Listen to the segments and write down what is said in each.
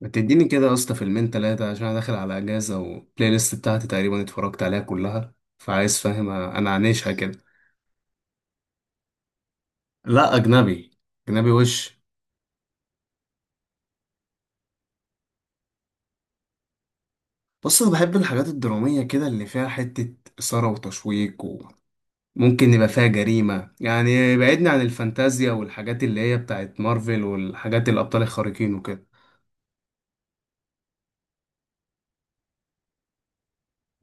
ما تديني كده يا اسطى فيلمين تلاتة عشان انا داخل على اجازة، والبلاي ليست بتاعتي تقريبا اتفرجت عليها كلها، فعايز، فاهم، انا عانيشها كده. لا اجنبي. اجنبي وش. بص، انا بحب الحاجات الدرامية كده اللي فيها حتة اثارة وتشويق، وممكن يبقى فيها جريمة. يعني بعدني عن الفانتازيا والحاجات اللي هي بتاعت مارفل والحاجات الابطال الخارقين وكده.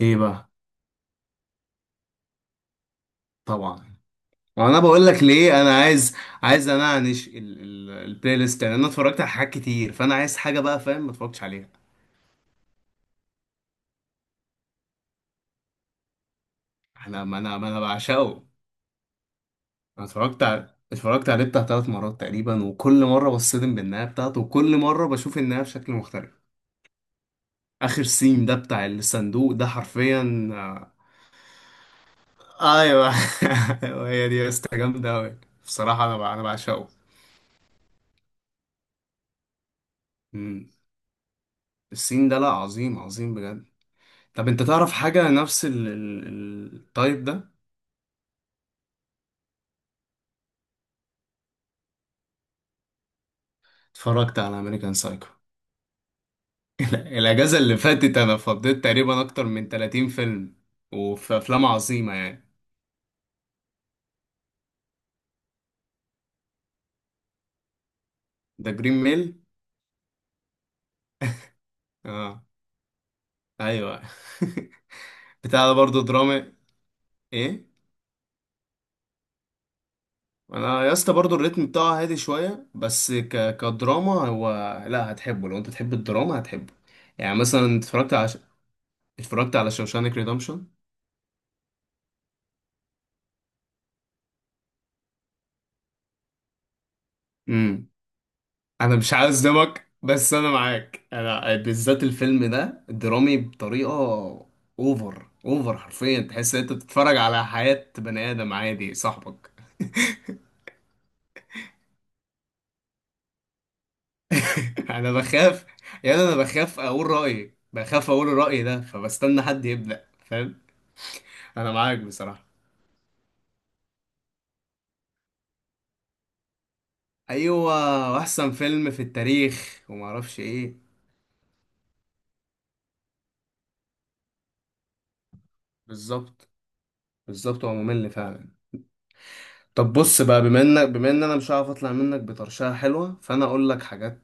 ايه بقى؟ طبعا. وانا بقول لك ليه انا عايز. عايز انعنش البلاي ليست. يعني انا اتفرجت على حاجات كتير، فانا عايز حاجه بقى، فاهم، ما اتفرجتش عليها. انا ما انا ما انا بعشقه. انا اتفرجت عليه بتاع ثلاث مرات تقريبا، وكل مره بصدم بالنهايه بتاعته، وكل مره بشوف النهايه بشكل مختلف. اخر سين ده بتاع الصندوق ده حرفيا ايوه. ايوه هي دي يا اسطى، جامده قوي. بصراحه انا انا بعشقه. مم. السين ده لا، عظيم عظيم بجد. طب انت تعرف حاجه نفس التايب ده؟ اتفرجت على امريكان سايكو. الاجازه اللي فاتت انا فضيت تقريبا اكتر من 30 فيلم. وفي افلام عظيمه يعني. ده جرين ميل. اه ايوه. بتاع ده برضه دراما. ايه. انا يا اسطى برضه الريتم بتاعه هادي شويه، بس كدراما هو، لا هتحبه. لو انت تحب الدراما هتحبه. يعني مثلا اتفرجت على اتفرجت على شوشانك ريدمشن. امم. انا مش عايز اصدمك، بس انا معاك. انا بالذات الفيلم ده درامي بطريقه اوفر اوفر، حرفيا تحس ان انت بتتفرج على حياه بني ادم عادي، صاحبك. انا بخاف. يعني انا بخاف اقول رايي ده، فبستنى حد يبدا، فاهم. انا معاك بصراحه. ايوه، واحسن فيلم في التاريخ وما اعرفش ايه. بالظبط. بالظبط، هو ممل فعلا. طب بص بقى، بما انك بما ان انا مش هعرف اطلع منك بطرشقه حلوه، فانا اقول لك حاجات.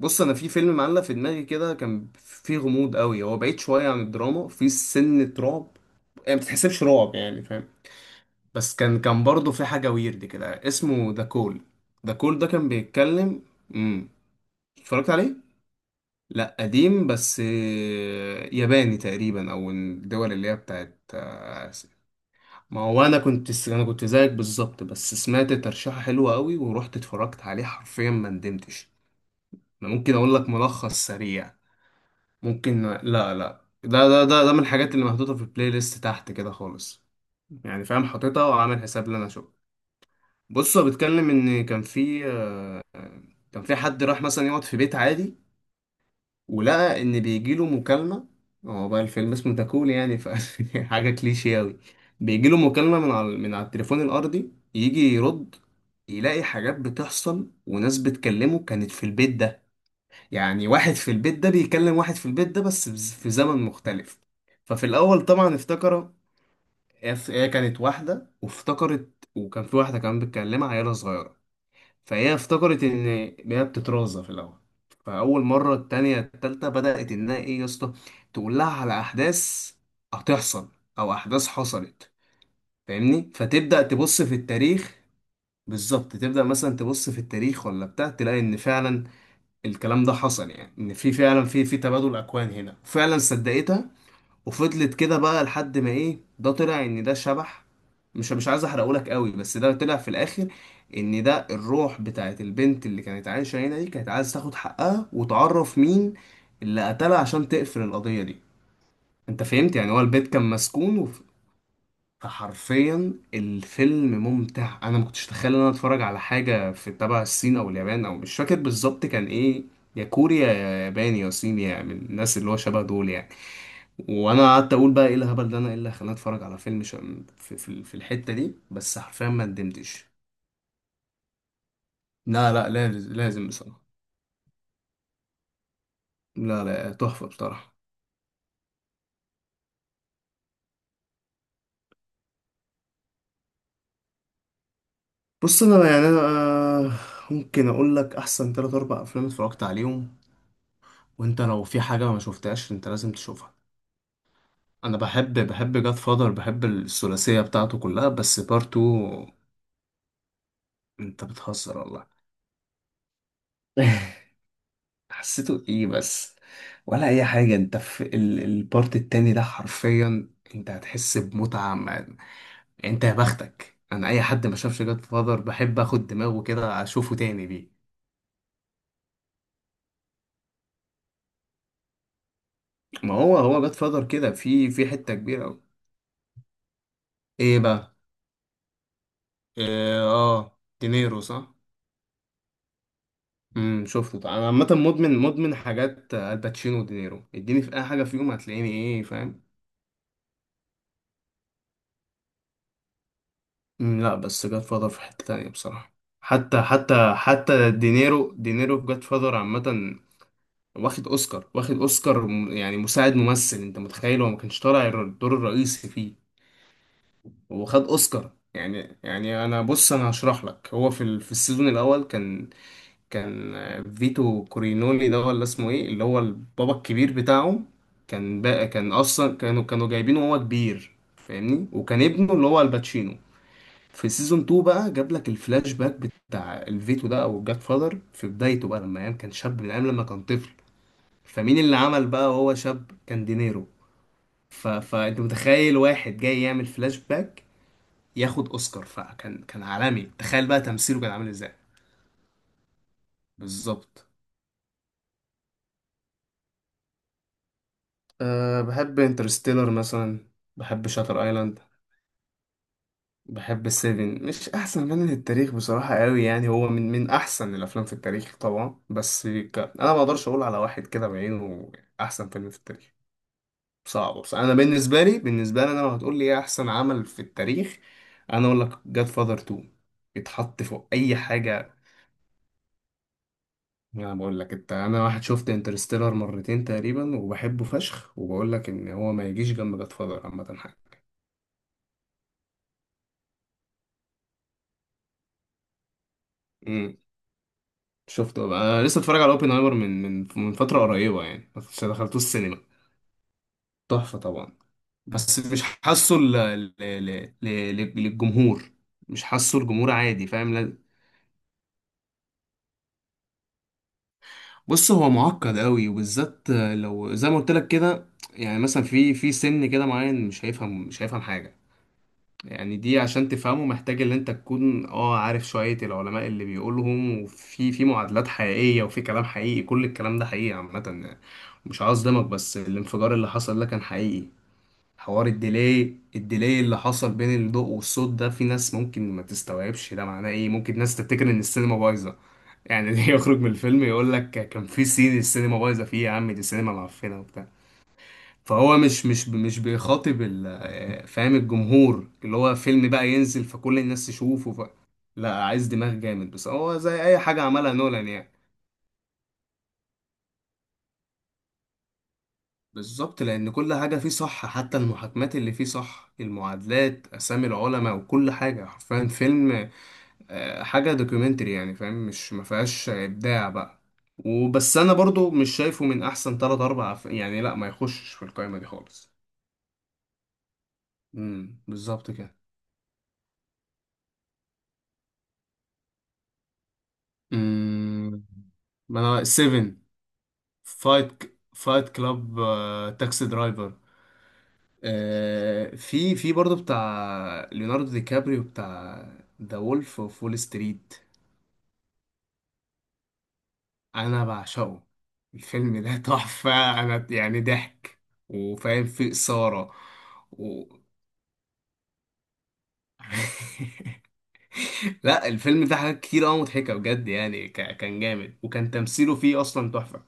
بص، انا في فيلم معلق في دماغي كده، كان فيه غموض قوي. هو بعيد شويه عن الدراما، فيه سنه رعب. يعني ما بتحسبش رعب، يعني فاهم. بس كان برضه في حاجة ويرد كده اسمه ذا كول. ذا كول ده كان بيتكلم. امم. اتفرجت عليه؟ لا قديم، بس ياباني تقريبا، او من الدول اللي هي بتاعت آسيا. ما هو انا كنت زيك بالظبط، بس سمعت ترشيحة حلوة قوي ورحت اتفرجت عليه، حرفيا ما ندمتش. انا ممكن اقول لك ملخص سريع؟ ممكن لا لا، ده من الحاجات اللي محطوطة في البلاي ليست تحت كده خالص. يعني فاهم، حاططها وعامل حساب ان انا اشوفها. بص هو بيتكلم ان كان في، كان في حد راح مثلا يقعد في بيت عادي، ولقى ان بيجيله مكالمه. هو بقى الفيلم اسمه تاكون يعني ف حاجه كليشيه اوي. بيجيله مكالمه من على التليفون الارضي، يجي يرد، يلاقي حاجات بتحصل وناس بتكلمه كانت في البيت ده. يعني واحد في البيت ده بيكلم واحد في البيت ده، بس في زمن مختلف. ففي الاول طبعا افتكر هي كانت واحده وافتكرت، وكان في واحده كمان بتكلمها عيله صغيره. فهي افتكرت ان، هي بتترازى في الاول. فاول مره التانية التالتة بدات انها، ايه يا اسطى، تقول لها على احداث هتحصل، او احداث حصلت، فاهمني. فتبدا تبص في التاريخ. بالظبط، تبدا مثلا تبص في التاريخ ولا بتاع، تلاقي ان فعلا الكلام ده حصل. يعني ان في فعلا، في تبادل اكوان هنا فعلا، صدقتها. وفضلت كده بقى لحد ما، ايه ده، طلع ان ده شبح. مش عايز احرقهولك قوي، بس ده طلع في الاخر ان ده الروح بتاعت البنت اللي كانت عايشه هنا دي، كانت عايز تاخد حقها وتعرف مين اللي قتلها عشان تقفل القضيه دي. انت فهمت؟ يعني هو البيت كان مسكون فحرفيا الفيلم ممتع. انا ما كنتش اتخيل ان انا اتفرج على حاجه في تبع الصين او اليابان، او مش فاكر بالظبط كان ايه، يا كوريا يا ياباني يا صيني، يعني من الناس اللي هو شبه دول يعني. وانا قعدت اقول بقى ايه الهبل ده، انا ايه اللي خلاني اتفرج على فيلم في الحته دي، بس حرفيا ما ندمتش. لا لا لازم، لازم بصراحه. لا لا، تحفه بصراحه. بص انا يعني انا ممكن اقول لك احسن تلات اربع افلام اتفرجت عليهم، وانت لو في حاجه ما شفتهاش انت لازم تشوفها. انا بحب جاد فادر، بحب الثلاثيه بتاعته كلها، بس بارتو. انت بتهزر والله. حسيته ايه بس؟ ولا اي حاجه، انت في البارت التاني ده حرفيا انت هتحس بمتعه يعني، انت يا بختك. انا اي حد ما شافش جاد فاذر بحب اخد دماغه كده اشوفه تاني بيه. ما هو هو جاد فاذر كده في حته كبيره أوي. ايه بقى؟ إيه اه دينيرو، صح؟ امم، شفته طبعا. انا عامه مدمن مدمن حاجات الباتشينو ودينيرو، اديني في اي حاجه فيهم هتلاقيني، ايه فاهم. مم، لا بس جاد فاذر في حتة تانية بصراحة. حتى حتى حتى دينيرو، دينيرو في جاد فاذر عامة واخد اوسكار، واخد اوسكار يعني مساعد ممثل. انت متخيل هو ما كانش طالع الدور الرئيسي فيه، وخد اوسكار؟ يعني يعني انا بص انا هشرح لك. هو في في السيزون الاول كان، كان فيتو كورينولي ده ولا اسمه ايه، اللي هو البابا الكبير بتاعهم. كان بقى كان اصلا كانوا جايبينه وهو كبير، فاهمني، وكان ابنه اللي هو الباتشينو. في سيزون 2 بقى جاب لك الفلاش باك بتاع الفيتو ده، او جاد فادر في بدايته بقى، لما ايام كان شاب، من ايام لما كان طفل. فمين اللي عمل بقى وهو شاب؟ كان دينيرو. فانت متخيل واحد جاي يعمل فلاش باك ياخد اوسكار؟ فكان كان عالمي، تخيل بقى تمثيله كان عامل ازاي. بالظبط. أه بحب انترستيلر مثلا. بحب شاتر ايلاند. بحب سيفن، مش احسن فيلم في التاريخ بصراحه قوي، يعني هو من احسن الافلام في التاريخ طبعا، بس انا ما اقدرش اقول على واحد كده بعينه احسن فيلم في التاريخ، صعب. بس انا بالنسبه لي، بالنسبه لي انا، لو هتقول لي ايه احسن عمل في التاريخ، انا اقول لك جاد فاذر 2. يتحط فوق اي حاجه. انا بقول لك انت، انا واحد شفت انترستيلر مرتين تقريبا وبحبه فشخ، وبقول لك ان هو ما يجيش جنب جاد فاذر عامه. حاجه. شفته بقى. أنا لسه اتفرج على اوبنهايمر من فتره قريبه، يعني بس دخلته السينما. تحفه طبعا. بس مش حاسه للجمهور. مش حاسه الجمهور عادي، فاهم بص هو معقد قوي، وبالذات لو زي ما قلت لك كده. يعني مثلا في سن كده معين مش هيفهم، مش هيفهم حاجه. يعني دي عشان تفهمه محتاج ان انت تكون اه عارف شوية العلماء اللي بيقولهم، وفي معادلات حقيقية وفي كلام حقيقي، كل الكلام ده حقيقي عامة يعني. مش عاوز اصدمك، بس الانفجار اللي حصل ده كان حقيقي. حوار الديلي، الديلي اللي حصل بين الضوء والصوت ده، في ناس ممكن ما تستوعبش ده معناه ايه، ممكن ناس تفتكر ان السينما بايظة، يعني يخرج من الفيلم يقول لك كان في سين السينما بايظة فيه يا عم، دي السينما معفنة وبتاع. فهو مش بيخاطب فاهم الجمهور، اللي هو فيلم بقى ينزل فكل الناس تشوفه ف. لا عايز دماغ جامد، بس هو زي اي حاجة عملها نولان يعني. بالظبط، لان كل حاجة فيه صح، حتى المحاكمات اللي فيه صح، المعادلات، اسامي العلماء وكل حاجة، حرفيا فيلم حاجة دوكيومنتري يعني، فاهم، مش ما فيهاش ابداع بقى. وبس انا برضو مش شايفه من احسن تلات اربع يعني، لا ما يخشش في القائمة دي خالص. بالظبط كده. ما انا 7. فايت كلاب. تاكسي درايفر. في برضه بتاع ليوناردو دي كابريو بتاع ذا وولف اوف وول ستريت. انا بعشقه. الفيلم ده تحفة. انا يعني ضحك وفاهم فيه إثارة و. لا الفيلم ده حاجات كتير قوي مضحكة بجد يعني، كان جامد، وكان تمثيله فيه اصلا تحفة.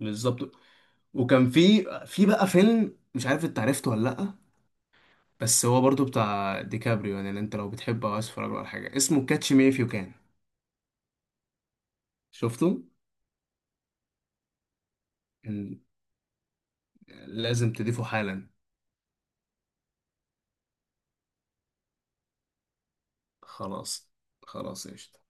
بالظبط. وكان في بقى فيلم مش عارف انت عرفته ولا لا، بس هو برضو بتاع ديكابريو. يعني اللي انت لو بتحبه او عايز تتفرج له على حاجه، اسمه كاتش مي اف يو كان. شفته. إن- لازم تضيفه حالا. خلاص. خلاص قشطة.